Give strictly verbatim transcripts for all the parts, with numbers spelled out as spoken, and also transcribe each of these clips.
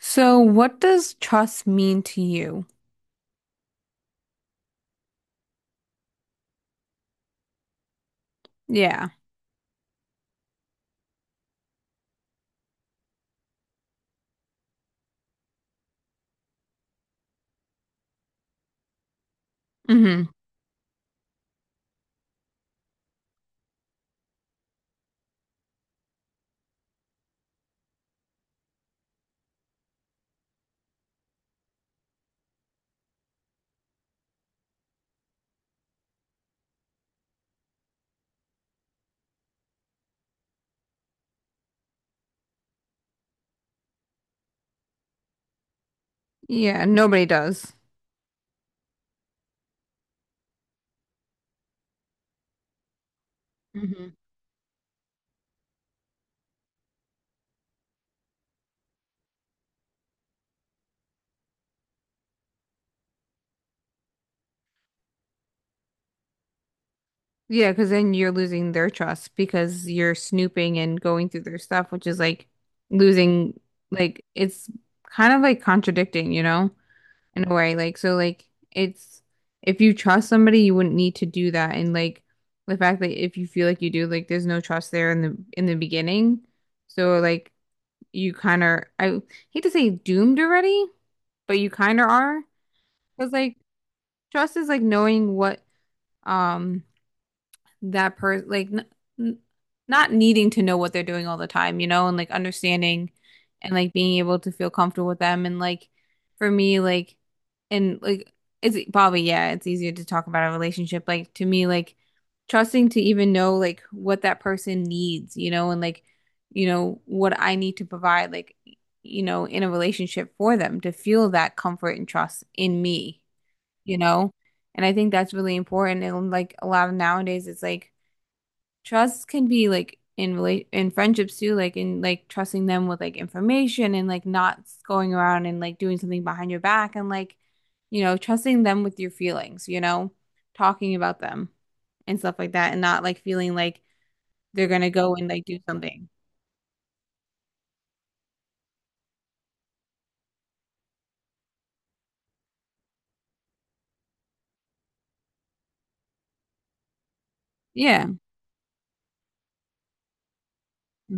So, what does trust mean to you? Yeah. hmm Yeah, nobody does. hmm Yeah, because then you're losing their trust because you're snooping and going through their stuff, which is like losing, like, it's kind of like contradicting, you know, in a way. Like, so, like, it's if you trust somebody, you wouldn't need to do that. And, like, the fact that if you feel like you do, like, there's no trust there in the in the beginning. So, like, you kind of, I hate to say doomed already but you kind of are. Because like trust is like knowing what um that person like n n not needing to know what they're doing all the time, you know, and like understanding and like being able to feel comfortable with them and like for me like and like it's probably yeah, it's easier to talk about a relationship like to me like trusting to even know like what that person needs, you know, and like you know what I need to provide like you know in a relationship for them to feel that comfort and trust in me, you know. And I think that's really important. And like a lot of nowadays, it's like trust can be like in relate in friendships too, like in like trusting them with like information and like not going around and like doing something behind your back and like, you know, trusting them with your feelings, you know, talking about them and stuff like that and not like feeling like they're gonna go and like do something. Yeah.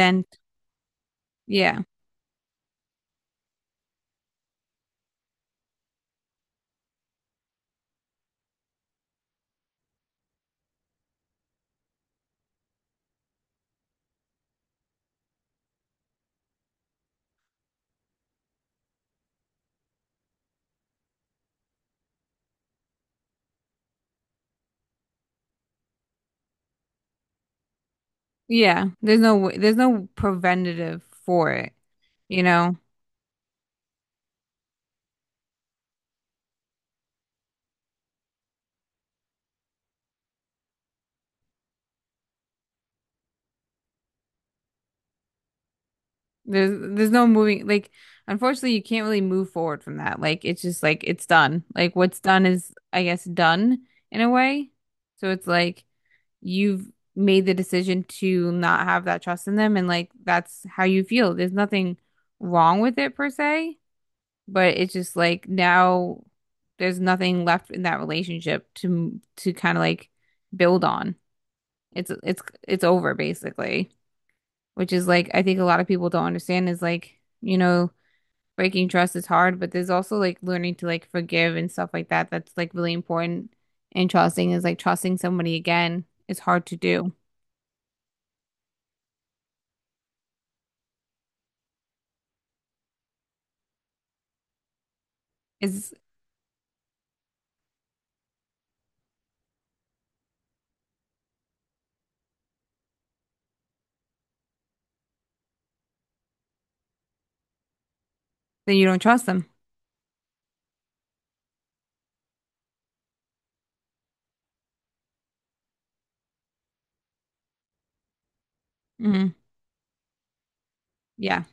Vent. Yeah. Yeah. There's no w- there's no preventative for it, you know. There's there's no moving like unfortunately you can't really move forward from that. Like it's just like it's done. Like what's done is I guess done in a way. So it's like you've made the decision to not have that trust in them and like that's how you feel. There's nothing wrong with it per se, but it's just like now there's nothing left in that relationship to to kind of like build on. It's it's it's over basically, which is like I think a lot of people don't understand is like, you know, breaking trust is hard, but there's also like learning to like forgive and stuff like that. That's like really important. And trusting is like trusting somebody again is hard to do. Is then you don't trust them. hmm Yeah.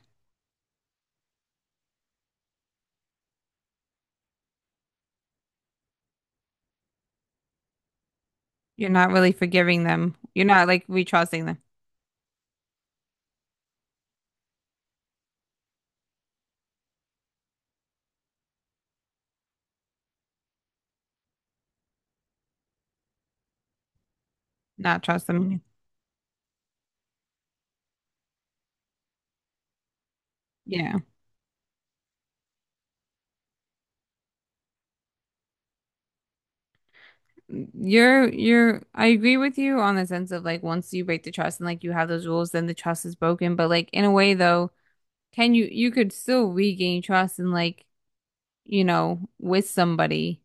You're not really forgiving them. You're not like re trusting them. Not trust them. Yeah. You're you're I agree with you on the sense of like once you break the trust and like you have those rules, then the trust is broken. But like in a way though, can you you could still regain trust and like, you know, with somebody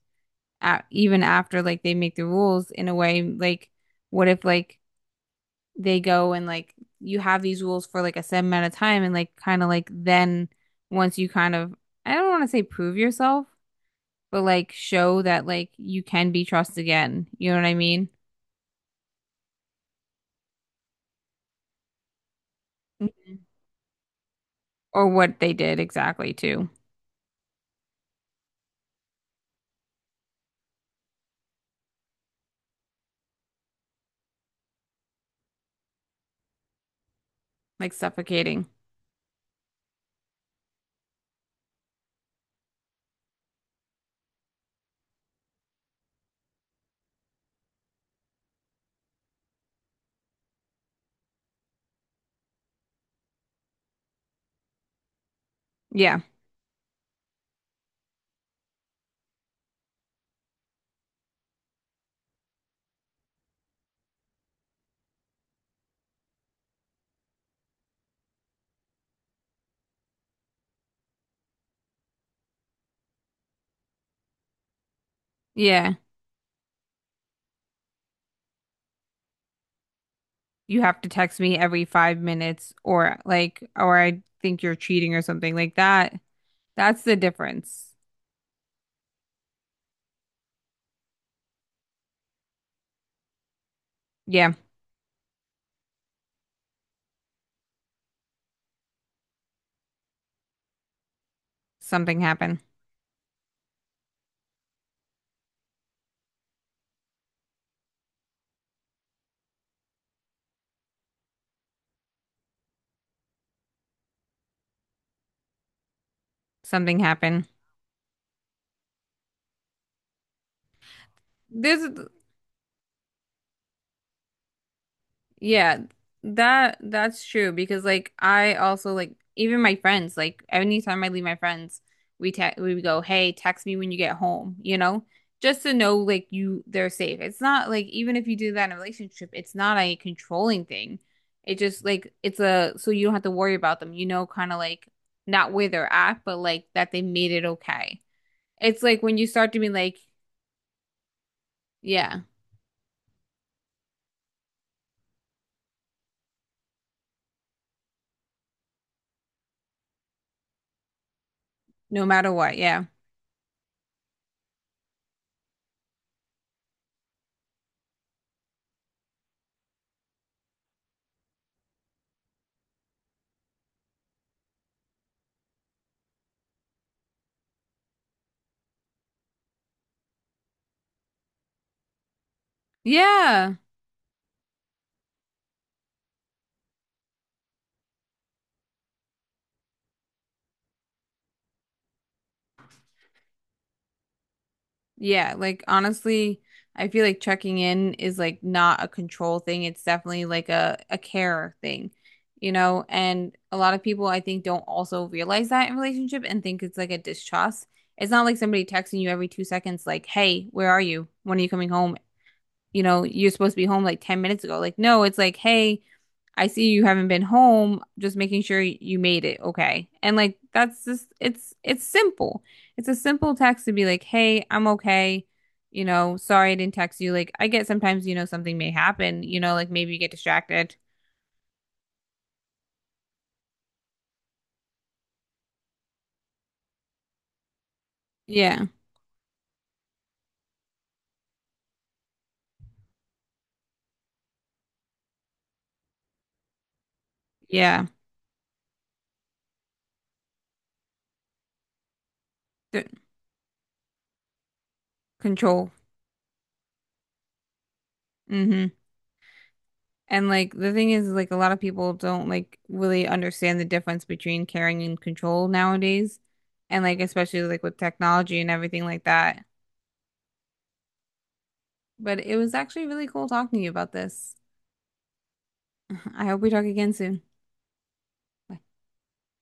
a even after like they make the rules in a way like what if like they go and like you have these rules for like a set amount of time and like kind of like then once you kind of I don't want to say prove yourself but like show that like you can be trusted again you know what I mean. Mhm. Or what they did exactly too. Like suffocating. Yeah. Yeah, you have to text me every five minutes or like or I think you're cheating or something like that. That's the difference. Yeah. Something happened. Something happened. This, yeah, that that's true because like I also like even my friends like anytime I leave my friends we te we would go hey text me when you get home you know just to know like you they're safe. It's not like even if you do that in a relationship it's not a controlling thing. It just like it's a so you don't have to worry about them. You know, kind of like not where they're at, but like that they made it okay. It's like when you start to be like yeah, no matter what, yeah. Yeah. Yeah. Like honestly, I feel like checking in is like not a control thing. It's definitely like a, a care thing, you know? And a lot of people I think don't also realize that in relationship and think it's like a distrust. It's not like somebody texting you every two seconds like, "Hey, where are you? When are you coming home?" You know, you're supposed to be home like ten minutes ago. Like, no, it's like, "Hey, I see you haven't been home, just making sure you made it, okay? And like that's just it's it's simple. It's a simple text to be like, "Hey, I'm okay." You know, sorry I didn't text you. Like I get sometimes, you know, something may happen, you know, like maybe you get distracted. Yeah. Yeah. The control. hmm And like the thing is, like a lot of people don't like really understand the difference between caring and control nowadays. And like especially like with technology and everything like that. But it was actually really cool talking to you about this. I hope we talk again soon. Bye.